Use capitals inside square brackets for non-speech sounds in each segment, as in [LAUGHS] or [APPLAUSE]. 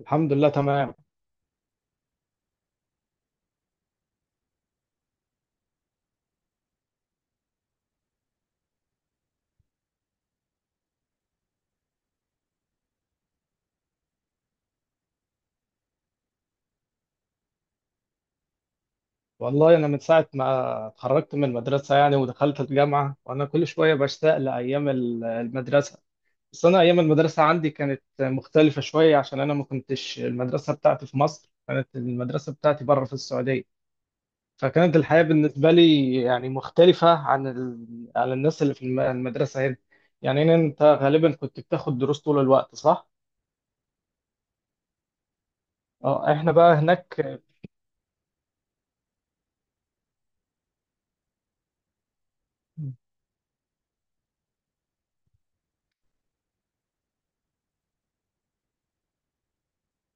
الحمد لله، تمام. والله انا من ساعه ما اتخرجت من المدرسه يعني ودخلت الجامعه، وانا كل شويه بشتاق لايام المدرسه. بس انا ايام المدرسه عندي كانت مختلفه شويه، عشان انا ما كنتش المدرسه بتاعتي في مصر، كانت المدرسه بتاعتي بره في السعوديه. فكانت الحياه بالنسبه لي يعني مختلفه عن الناس اللي في المدرسه هنا. يعني هنا انت غالبا كنت بتاخد دروس طول الوقت، صح. اه، احنا بقى هناك.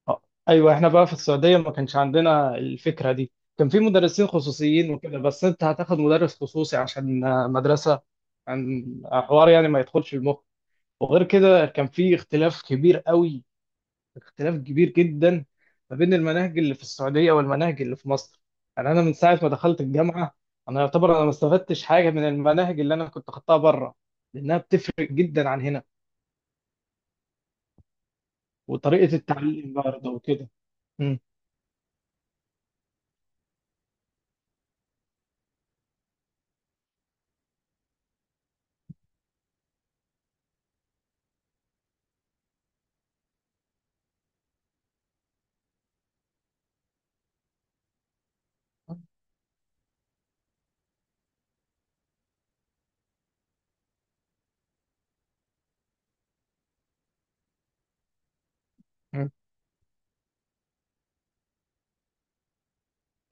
آه، ايوه احنا بقى في السعوديه ما كانش عندنا الفكره دي. كان في مدرسين خصوصيين وكده، بس انت هتاخد مدرس خصوصي عشان مدرسه عن حوار يعني ما يدخلش المخ. وغير كده كان في اختلاف كبير قوي، اختلاف كبير جدا ما بين المناهج اللي في السعوديه والمناهج اللي في مصر. يعني انا من ساعه ما دخلت الجامعه، انا يعتبر انا ما استفدتش حاجه من المناهج اللي انا كنت خدتها بره، لانها بتفرق جدا عن هنا، وطريقه التعليم برضه وكده. مم.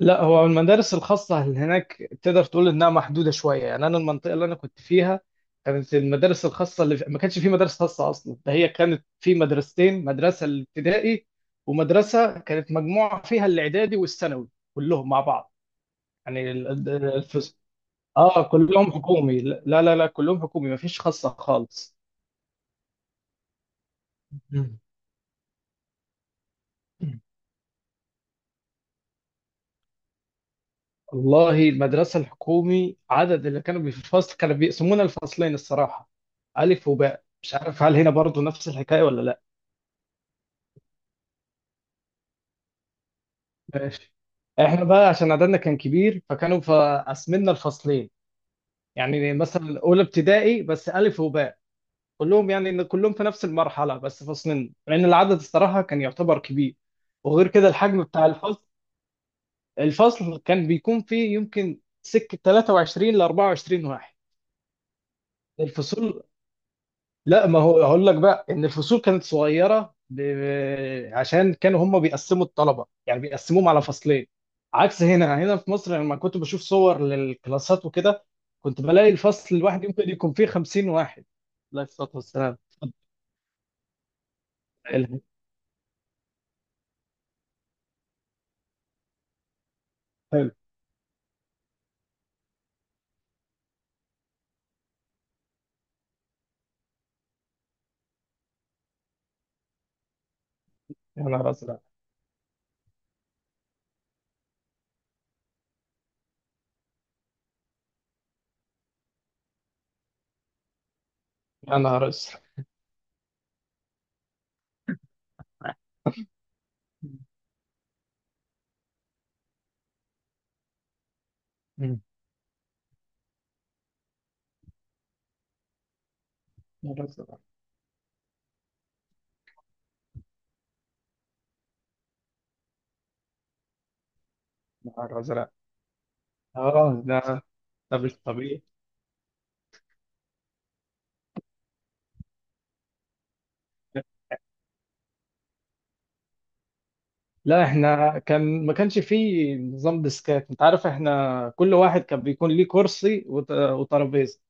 لا، هو المدارس الخاصة اللي هناك تقدر تقول إنها محدودة شوية. يعني أنا المنطقة اللي أنا كنت فيها كانت المدارس الخاصة ما كانش في مدارس خاصة أصلا. ده هي كانت في مدرستين، مدرسة الابتدائي، ومدرسة كانت مجموعة فيها الإعدادي والثانوي كلهم مع بعض. يعني الفصل، آه كلهم حكومي، لا لا لا، كلهم حكومي، ما فيش خاصة خالص. مم. والله المدرسة الحكومي، عدد اللي كانوا في الفصل كانوا بيقسمونا الفصلين الصراحة، ألف وباء. مش عارف هل هنا برضو نفس الحكاية ولا لأ. ماشي. احنا بقى عشان عددنا كان كبير فكانوا قسمنا الفصلين. يعني مثلا أولى ابتدائي بس ألف وباء، كلهم يعني إن كلهم في نفس المرحلة بس فصلين، لأن العدد الصراحة كان يعتبر كبير. وغير كده الحجم بتاع الفصل، الفصل كان بيكون فيه يمكن سكة 23 ل 24 واحد. الفصول، لا ما هو هقول لك بقى ان الفصول كانت صغيره عشان كانوا هم بيقسموا الطلبه، يعني بيقسموهم على فصلين، عكس هنا في مصر لما كنت بشوف صور للكلاسات وكده، كنت بلاقي الفصل الواحد يمكن يكون فيه 50 واحد. لا، الصلاه والسلام. حلو. حلو. يا نهار ازرق. يا نهار ازرق. مم. يا نهار ازرق. يا نهار ازرق. اه، ده مش طبيعي. لا، احنا كان ما كانش فيه نظام ديسكات، انت عارف، احنا كل واحد كان بيكون ليه كرسي وترابيزه،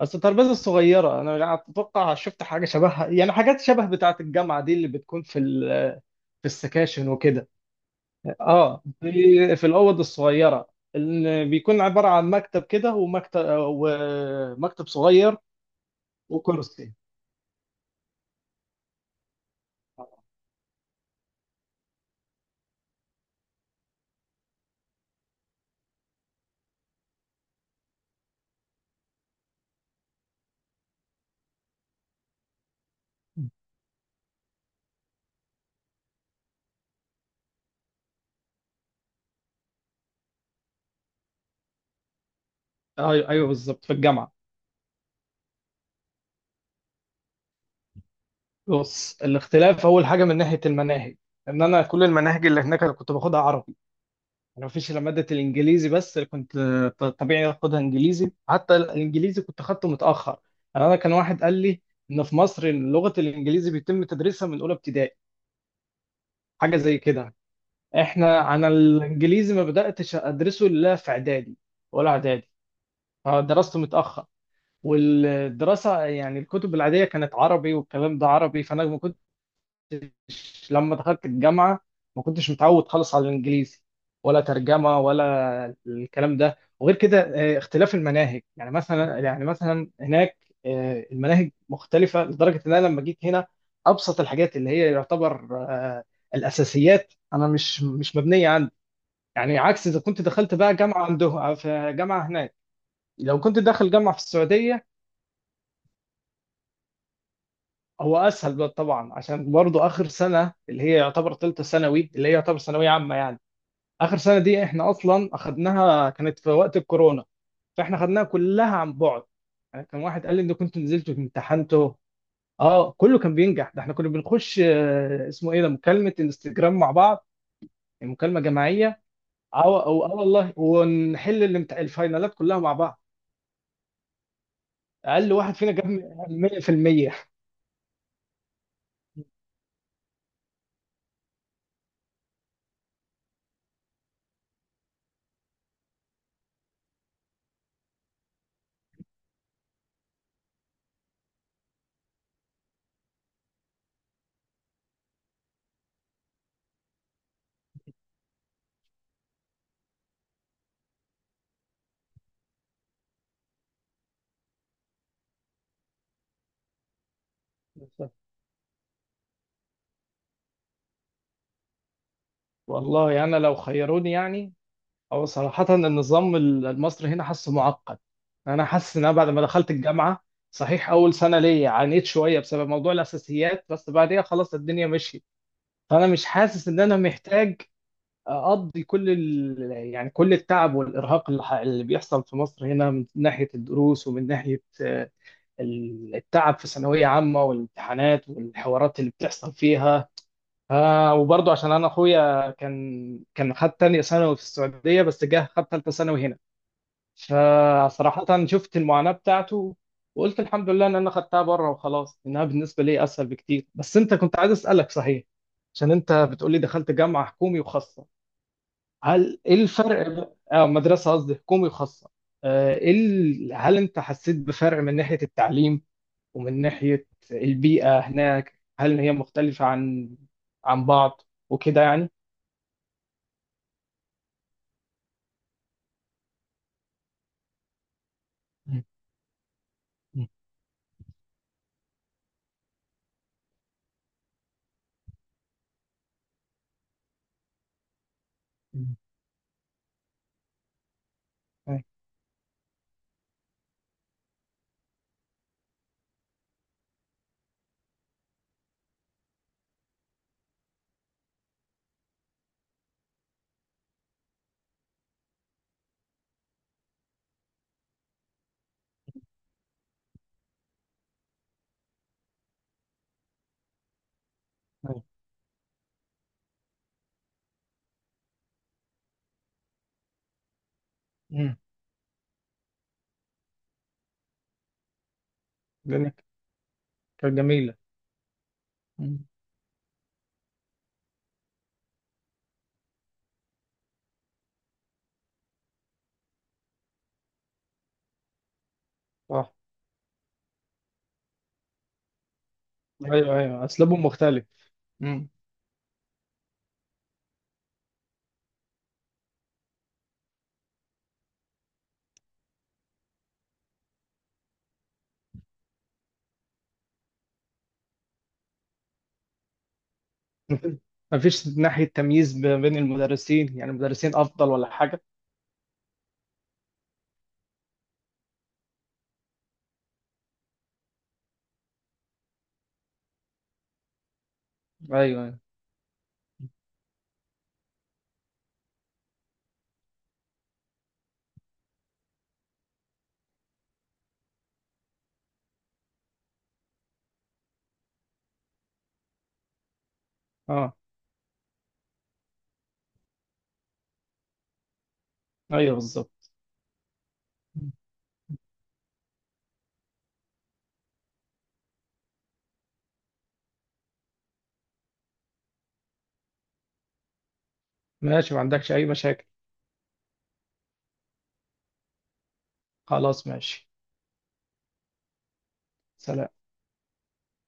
بس الترابيزه الصغيره. انا يعني اتوقع شفت حاجه شبهها، يعني حاجات شبه بتاعه الجامعه دي اللي بتكون في السكاشن وكده. اه، في الاوض الصغيره اللي بيكون عباره عن مكتب كده، ومكتب ومكتب صغير وكرسي. ايوه، ايوه، بالظبط، في الجامعه. بص، الاختلاف اول حاجه من ناحيه المناهج، ان انا كل المناهج اللي هناك انا كنت باخدها عربي. انا مفيش الا ماده الانجليزي بس اللي كنت طبيعي اخدها انجليزي. حتى الانجليزي كنت اخدته متاخر. يعني انا كان واحد قال لي ان في مصر لغه الانجليزي بيتم تدريسها من اولى ابتدائي، حاجه زي كده. انا الانجليزي ما بداتش ادرسه الا في اعدادي، ولا اعدادي، فدرسته متاخر. والدراسه يعني الكتب العاديه كانت عربي، والكلام ده عربي، فانا ما كنتش لما دخلت الجامعة ما كنتش متعود خالص على الإنجليزي، ولا ترجمة ولا الكلام ده. وغير كده اختلاف المناهج، يعني مثلا، هناك، المناهج مختلفة لدرجة إن أنا لما جيت هنا، أبسط الحاجات اللي هي يعتبر الأساسيات، أنا مش مبنية عندي. يعني عكس إذا كنت دخلت بقى جامعة عنده، في جامعة هناك، لو كنت داخل جامعة في السعودية. هو اسهل بقى طبعا، عشان برضو اخر سنه اللي هي يعتبر ثالثه ثانوي، اللي هي يعتبر ثانويه عامه يعني، اخر سنه دي احنا اصلا اخدناها كانت في وقت الكورونا، فاحنا خدناها كلها عن بعد. يعني كان واحد قال لي ان كنت نزلت وامتحنته. اه، كله كان بينجح. ده احنا كنا بنخش اسمه ايه ده، مكالمه انستجرام مع بعض، يعني مكالمه جماعيه. اه، او اه والله، ونحل الفاينالات كلها مع بعض. اقل واحد فينا جاب 100%. بالظبط. [LAUGHS] والله انا لو خيروني، يعني هو صراحة النظام المصري هنا حاسه معقد. أنا حاسس إن أنا بعد ما دخلت الجامعة، صحيح أول سنة ليا عانيت شوية بسبب موضوع الأساسيات، بس بعديها خلاص الدنيا مشيت. فأنا مش حاسس إن أنا محتاج أقضي يعني كل التعب والإرهاق اللي بيحصل في مصر هنا، من ناحية الدروس ومن ناحية التعب في ثانوية عامة والامتحانات والحوارات اللي بتحصل فيها. وبرضه عشان أنا أخويا كان خد تانية ثانوي في السعودية، بس جه خد تالتة ثانوي هنا، فصراحة شفت المعاناة بتاعته، وقلت الحمد لله ان انا خدتها بره، وخلاص، انها بالنسبة لي اسهل بكتير. بس انت كنت عايز اسألك، صحيح عشان انت بتقولي دخلت جامعة حكومي وخاصة، هل ايه الفرق بقى- اه مدرسة، قصدي حكومي وخاصة، ايه هل انت حسيت بفرق من ناحية التعليم ومن ناحية البيئة هناك؟ هل هي مختلفة عن بعض وكده يعني؟ مم. مم. مم. أي- أي. مم. الدنيا كانت جميلة. مم. صح. ايوه، ايوه، اسلوبهم مختلف. مم. [LAUGHS] مفيش ناحية تمييز ما بين المدرسين؟ يعني المدرسين افضل ولا حاجة. ايوه، ايوه. اه، ايوه، بالظبط. ماشي، ما عندكش اي مشاكل. خلاص، ماشي. سلام.